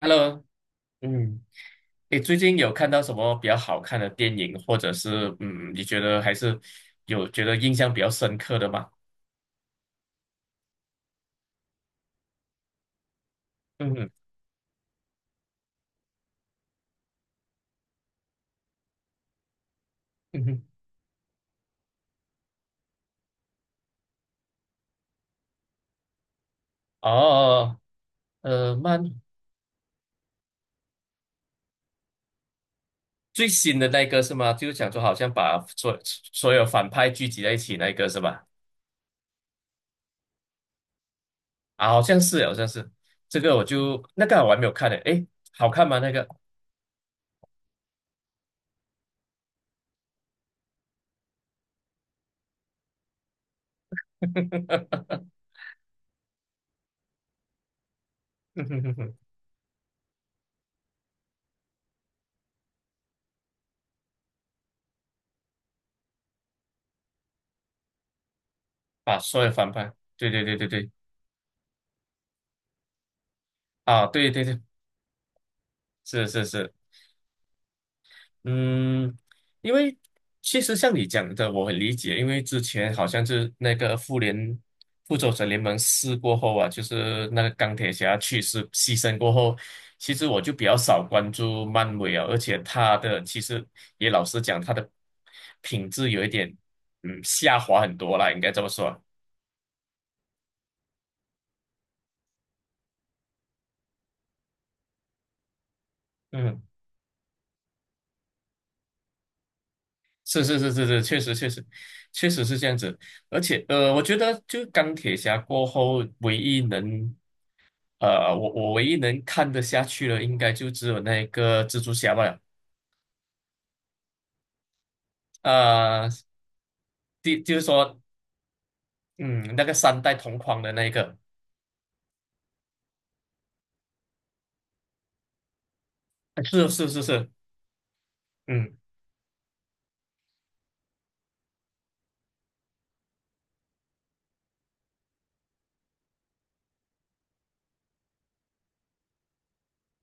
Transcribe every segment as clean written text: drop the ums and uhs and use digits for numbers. Hello，嗯，你最近有看到什么比较好看的电影，或者是你觉得还是有觉得印象比较深刻的吗？嗯哼，嗯哼，哦，呃，漫最新的那个是吗？就是讲说好像把所有反派聚集在一起那个是吧？啊，好像是，好像是这个，我就那个我还没有看呢，诶，好看吗？那个 把所有反派，对对对对对，啊，对对对，是是是。嗯，因为其实像你讲的，我很理解，因为之前好像是那个复仇者联盟四过后啊，就是那个钢铁侠去世牺牲过后，其实我就比较少关注漫威啊，而且他的其实也老实讲，他的品质有一点下滑很多啦，应该这么说。嗯，是是是，确实是这样子，而且我觉得就钢铁侠过后唯一能呃，我我唯一能看得下去的，应该就只有那个蜘蛛侠吧。呃，第就是说，嗯，那个三代同框的那一个，哎是是是，嗯，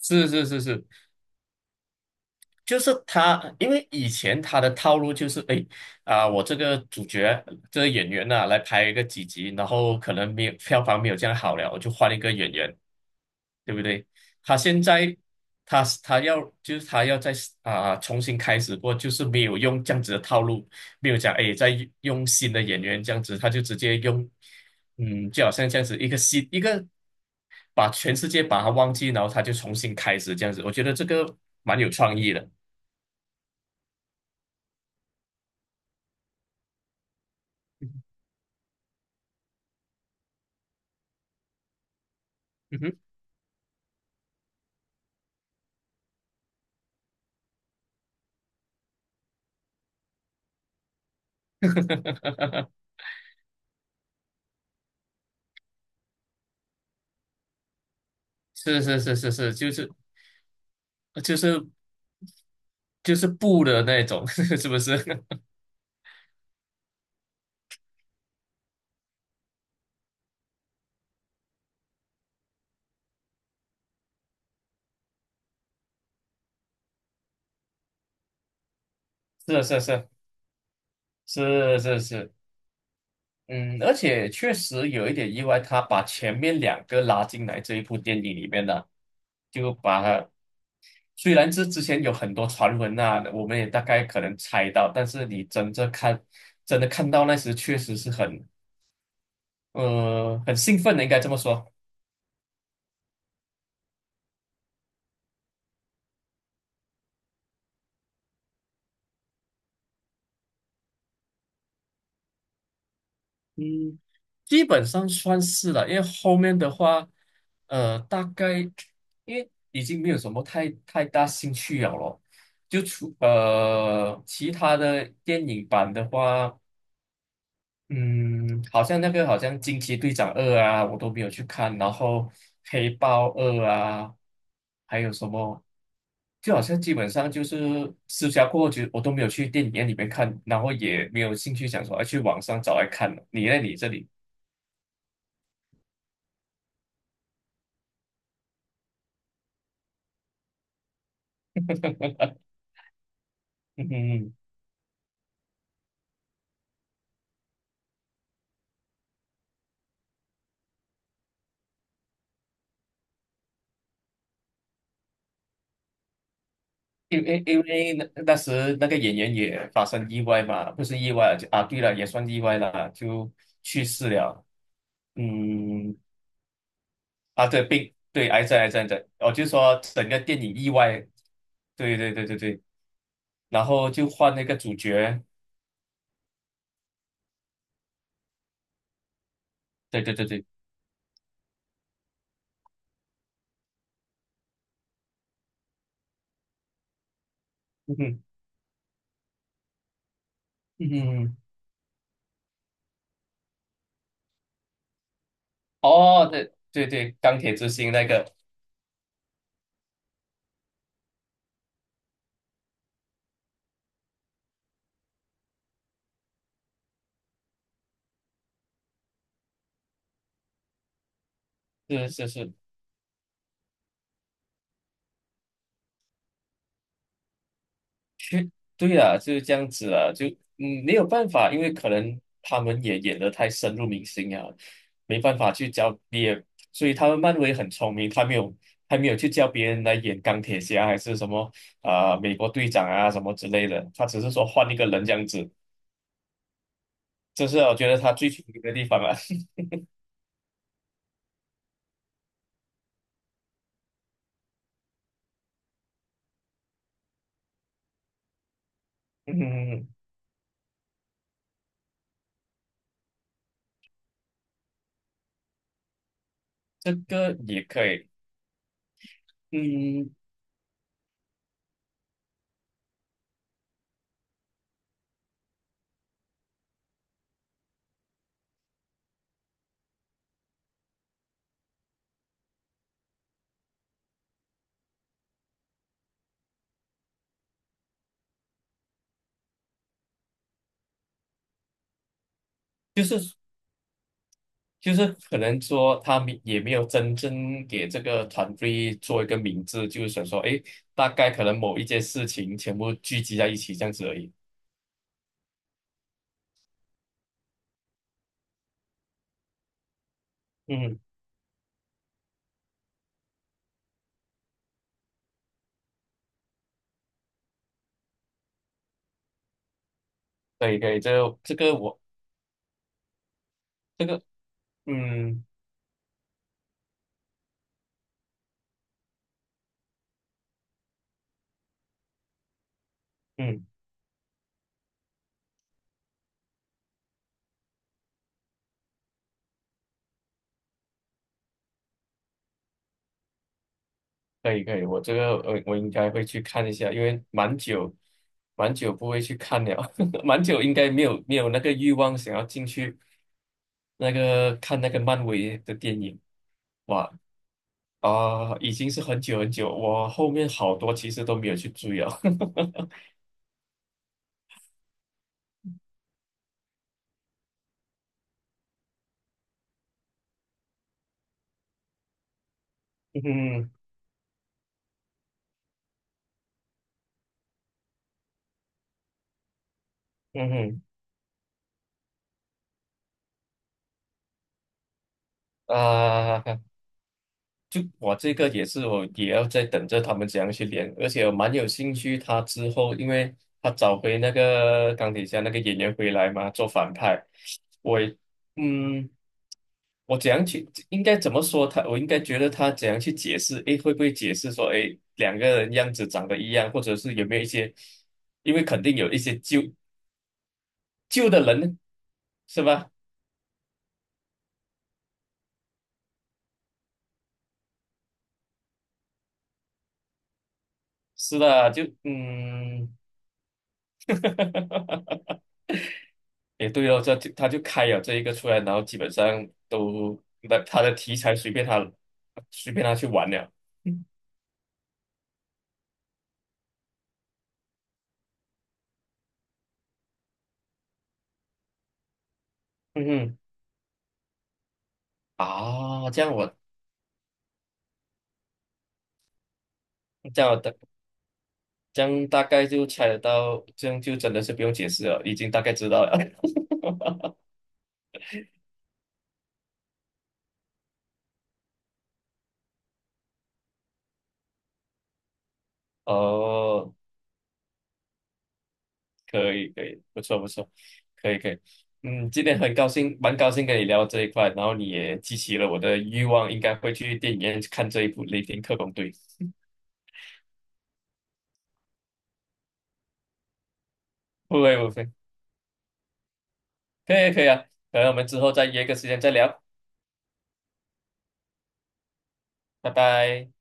是是是，就是他，因为以前他的套路就是，哎，我这个主角这个演员呐、来拍一个几集，然后可能没有票房没有这样好了，我就换一个演员，对不对？他现在他他要就是他要在啊、重新开始过，就是没有用这样子的套路，没有讲哎再用新的演员这样子，他就直接用，嗯，就好像这样子一个新一个把全世界把他忘记，然后他就重新开始这样子，我觉得这个蛮有创意的。嗯哼，是是是，就是就是布的那种，是不是？是是是是是是，嗯，而且确实有一点意外，他把前面两个拉进来这一部电影里面的，就把它虽然这之前有很多传闻啊，我们也大概可能猜到，但是你真正看真的看到那时，确实是很兴奋的，应该这么说。嗯。基本上算是了，因为后面的话，呃，大概因为已经没有什么太大兴趣了咯，其他的电影版的话，嗯，好像那个好像惊奇队长二啊，我都没有去看，然后黑豹二啊，还有什么，就好像基本上就是私下过后就我都没有去电影院里面看，然后也没有兴趣想说要去网上找来看了。你呢？你这里？嗯哼因为那时那个演员也发生意外嘛，不是意外就啊，对了，也算意外了，就去世了。嗯，啊，对，病，对，癌症，癌症的，我就说整个电影意外，对对对对对，然后就换那个主角，对对对对，嗯哼嗯哼，哦，对对对，钢铁之心那个，是是是，对啊，就是这样子啊，就没有办法，因为可能他们也演得太深入民心啊，没办法去教别，所以他们漫威很聪明，他没有去叫别人来演钢铁侠还是什么美国队长啊什么之类的，他只是说换一个人这样子，这是我觉得他最聪明的地方啊。嗯，这个也可以，嗯，就是可能说他们也没有真正给这个团队做一个名字，就是想说，哎，大概可能某一件事情全部聚集在一起这样子而已。嗯，可以可以，这个这个我这个嗯嗯，可以可以，我这个我我应该会去看一下，因为蛮久不会去看了，蛮久应该没有没有那个欲望想要进去那个看那个漫威的电影。哇，已经是很久很久，我后面好多其实都没有去追了。嗯嗯哼，啊、就我这个也是，我也要在等着他们怎样去连，而且我蛮有兴趣他之后，因为他找回那个钢铁侠那个演员回来嘛，做反派，我也嗯，我怎样去应该怎么说他？我应该觉得他怎样去解释？诶，会不会解释说，诶，两个人样子长得一样，或者是有没有一些？因为肯定有一些纠救的人呢，是吧？是的，也对哦，这就他就开了这一个出来，然后基本上都那他的题材随便他去玩了。嗯嗯啊，这样我大这样大概就猜得到，这样就真的是不用解释了，已经大概知道了。哦，可以可以，不错不错，可以可以。嗯，今天很高兴，蛮高兴跟你聊这一块，然后你也激起了我的欲望，应该会去电影院看这一部《雷霆特工队》。不会不会，可以可以啊，可能我们之后再约个时间再聊，拜拜。